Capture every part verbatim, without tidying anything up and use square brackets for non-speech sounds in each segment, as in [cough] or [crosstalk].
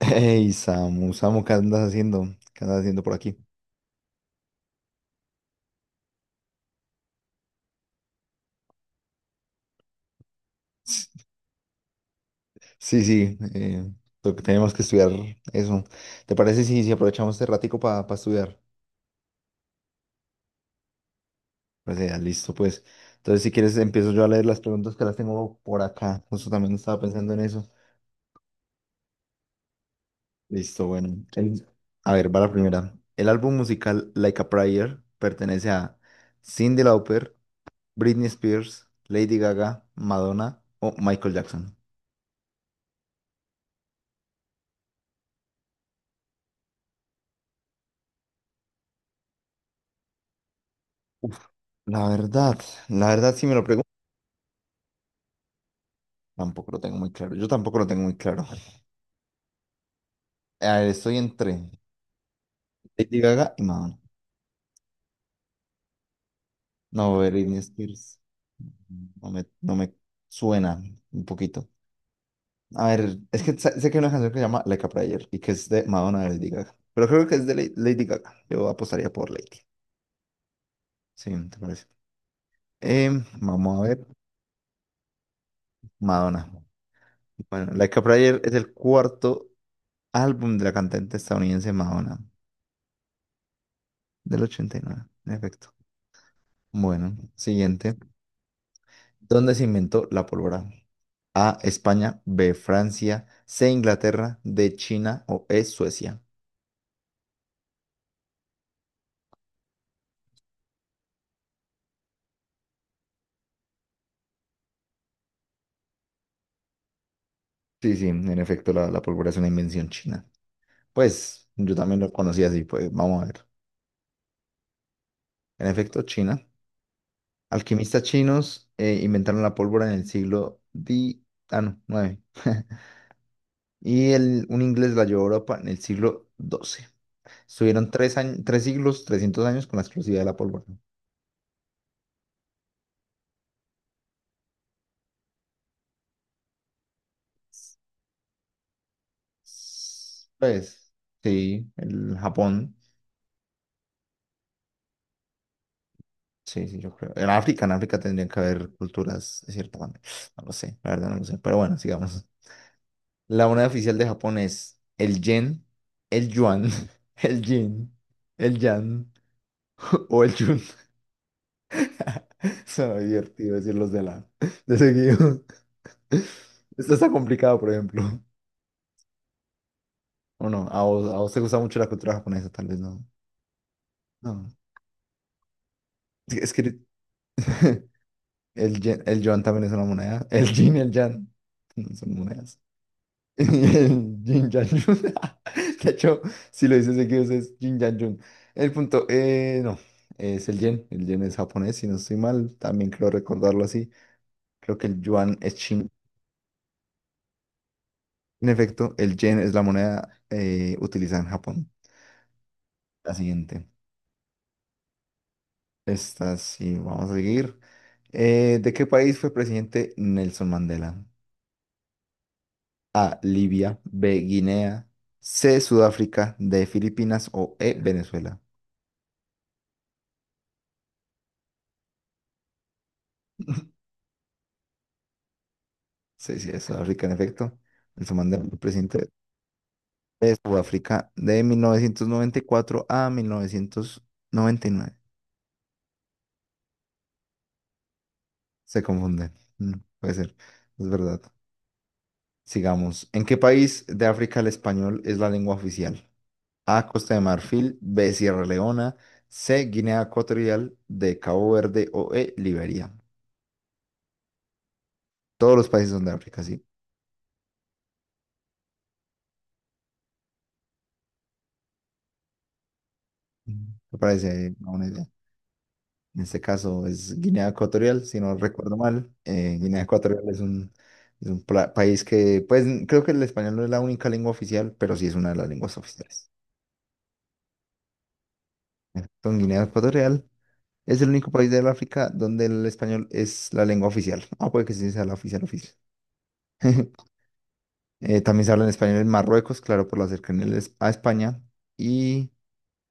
Hey, Samu, Samu, ¿qué andas haciendo? ¿Qué andas haciendo por aquí? Sí, sí, eh, lo que tenemos que estudiar eso. ¿Te parece si, si aprovechamos este ratico para estudiar? Pues ya, listo, pues. Entonces, si quieres, empiezo yo a leer las preguntas que las tengo por acá. Justo también estaba pensando en eso. Listo, bueno. El- a ver, va la primera. El álbum musical Like a Prayer pertenece a Cyndi Lauper, Britney Spears, Lady Gaga, Madonna o Michael Jackson. Uf, la verdad, la verdad si me lo pregunto, tampoco lo tengo muy claro. Yo tampoco lo tengo muy claro. A ver, estoy entre Lady Gaga y Madonna. No, Britney Spears. No me, no me suena un poquito. A ver, es que sa- sé que hay una canción que se llama Like a Prayer y que es de Madonna de Lady Gaga. Pero creo que es de Lady, Lady Gaga. Yo apostaría por Lady. Sí, ¿te parece? Em, vamos a ver. Madonna. Bueno, Like a Prayer es el cuarto álbum de la cantante estadounidense Madonna del ochenta y nueve, en efecto. Bueno, siguiente. ¿Dónde se inventó la pólvora? A, España; B, Francia; C, Inglaterra; D, China; o E, Suecia. Sí, sí, en efecto, la, la pólvora es una invención china. Pues yo también lo conocía así, pues vamos a ver. En efecto, China. Alquimistas chinos eh, inventaron la pólvora en el siglo di... ah, no, nueve. [laughs] Y el, un inglés la llevó a Europa en el siglo doce. Estuvieron tres, años, tres siglos, trescientos años con la exclusividad de la pólvora. Pues, sí, el Japón. Sí, sí, yo creo. En África, en África tendrían que haber culturas de cierta manera. No lo sé, la verdad no lo sé. Pero bueno, sigamos. La moneda oficial de Japón es el yen, el yuan, [laughs] el yin, el yan [laughs] o el yun. [laughs] Suena divertido decir los de la. De seguido. [laughs] Esto está complicado, por ejemplo. [laughs] O no, a vos, a vos te gusta mucho la cultura japonesa, tal vez no. No. Es que es que [laughs] el yen- el yuan también es una moneda. [laughs] El yin y el yang no son monedas. [laughs] El yin yang yun. [laughs] De hecho, si lo dices seguido es yin yang yun. El punto, eh, no, es el yen. El yen es japonés, si no estoy mal. También creo recordarlo así. Creo que el yuan es chino. En efecto, el yen es la moneda eh, utilizada en Japón. La siguiente. Esta sí, vamos a seguir. Eh, ¿de qué país fue presidente Nelson Mandela? A, Libia; B, Guinea; C, Sudáfrica; D, Filipinas; o E, Venezuela. [laughs] Sí, sí, es Sudáfrica, en efecto. El Somanda el presidente de Sudáfrica de mil novecientos noventa y cuatro a mil novecientos noventa y nueve. Se confunde. Mm, puede ser. Es verdad. Sigamos. ¿En qué país de África el español es la lengua oficial? A, Costa de Marfil; B, Sierra Leona; C, Guinea Ecuatorial; D, Cabo Verde; o E, Liberia. Todos los países son de África, sí. Me parece una buena idea. En este caso es Guinea Ecuatorial, si no recuerdo mal. Eh, Guinea Ecuatorial es un, es un pla- país que, pues creo que el español no es la única lengua oficial, pero sí es una de las lenguas oficiales. Con Guinea Ecuatorial es el único país del África donde el español es la lengua oficial. Ah, puede que sí sea la oficial oficial. [laughs] Eh, también se habla en español en Marruecos, claro, por la cercanía de es- a España. Y,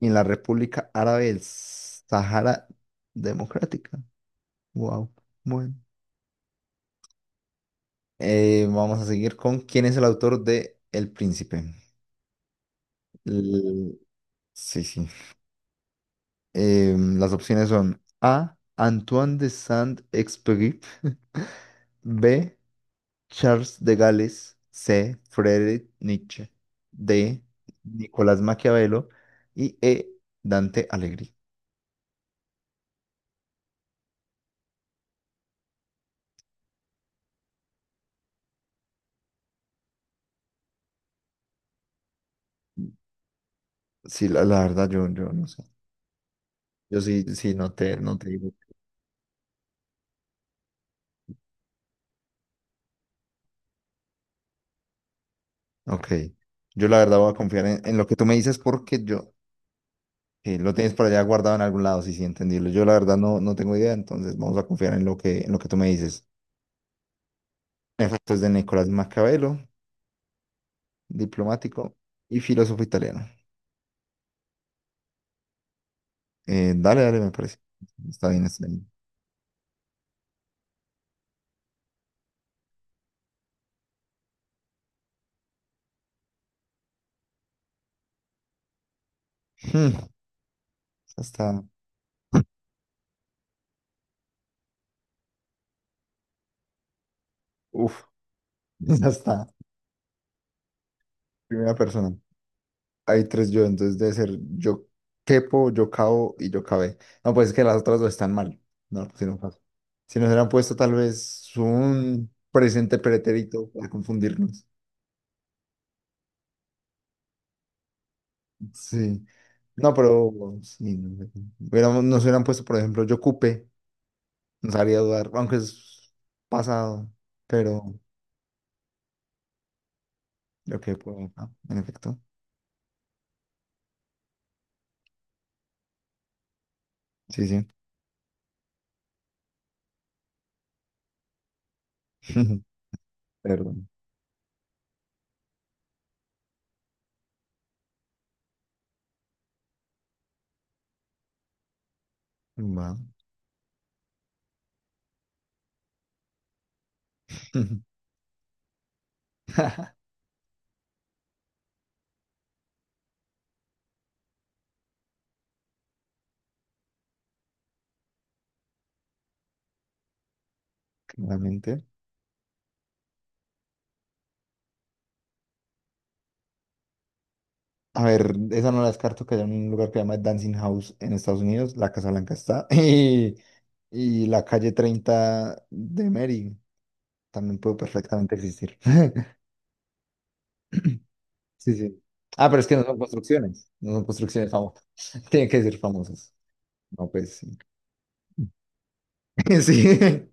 y en la República Árabe del Sahara Democrática. Wow. Eh, vamos a seguir con quién es el autor de El Príncipe. L- sí, sí. Em, las opciones son A, Antoine de Saint-Exupéry; B, Charles de Gales; C, Friedrich Nietzsche; D, Nicolás Maquiavelo; y E, Dante Alighieri. Sí, la, la verdad, yo, yo no sé. Yo sí, sí, no te, no te digo. Ok. Yo la verdad voy a confiar en, en lo que tú me dices porque yo. Sí, lo tienes por allá guardado en algún lado, sí, sí, entendido. Yo la verdad no, no tengo idea, entonces vamos a confiar en lo que, en lo que tú me dices. Efectos de Nicolás Maquiavelo, diplomático y filósofo italiano. Eh, dale, dale, me parece. Está bien, está bien. Hmm, esa está. [laughs] Uf, esa está. Primera persona. Hay tres yo, entonces debe ser yo quepo, yo cabo y yo cabe. No, pues es que las otras dos están mal. No, si no pasa. Si nos hubieran puesto tal vez un presente pretérito para confundirnos. Sí. No, pero sí, no sé. Hubiéramos- nos hubieran puesto, por ejemplo, yo ocupé, nos haría dudar, aunque es pasado, pero yo qué puedo, ah, en efecto. Sí, sí. [laughs] Perdón. Va. [laughs] Claramente. A ver, esa no la descarto, que haya un lugar que se llama Dancing House en Estados Unidos, la Casa Blanca está, [laughs] y, y la calle treinta de Mary también puede perfectamente existir. [laughs] Sí, sí. Ah, pero es que no son construcciones, no son construcciones famosas. [laughs] Tienen que ser famosas. No, pues sí. [laughs] Sí,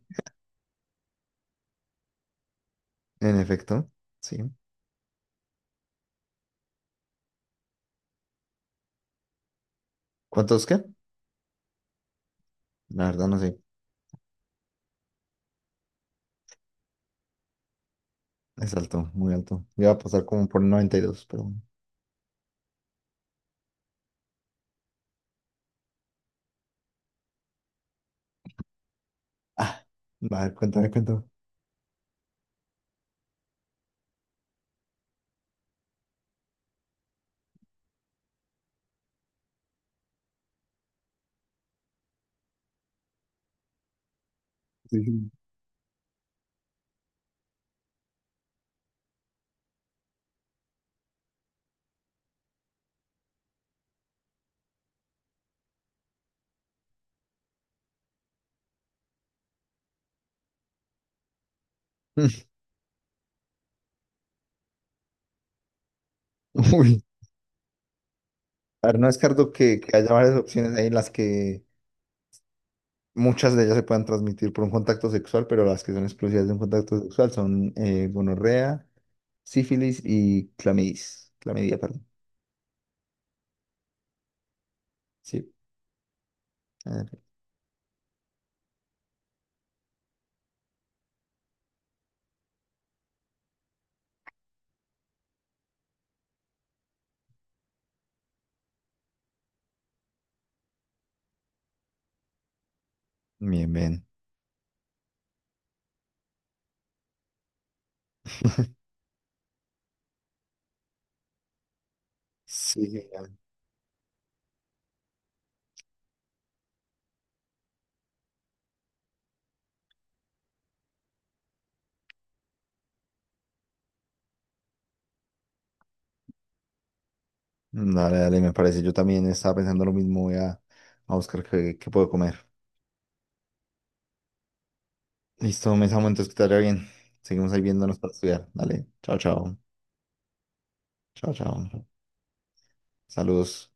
en efecto, sí. ¿Cuántos qué? La verdad no sé. Es alto, muy alto. Iba a pasar como por noventa y dos, pero bueno. Ah, va, a ver, cuéntame, cuéntame. Sí, sí. [laughs] Uy. A ver, no descarto que, que haya varias opciones ahí en las que muchas de ellas se puedan transmitir por un contacto sexual, pero las que son exclusivas de un contacto sexual son eh, gonorrea, sífilis y clamidia. Clamidia, perdón. Sí, eh, bien, bien. Sí, genial. Dale, dale, me parece. Yo también estaba pensando lo mismo. Voy a, a buscar qué, qué puedo comer. Listo, me ese entonces que te vaya bien. Seguimos ahí viéndonos para estudiar. Dale, chao, chao. Chao, chao. Saludos.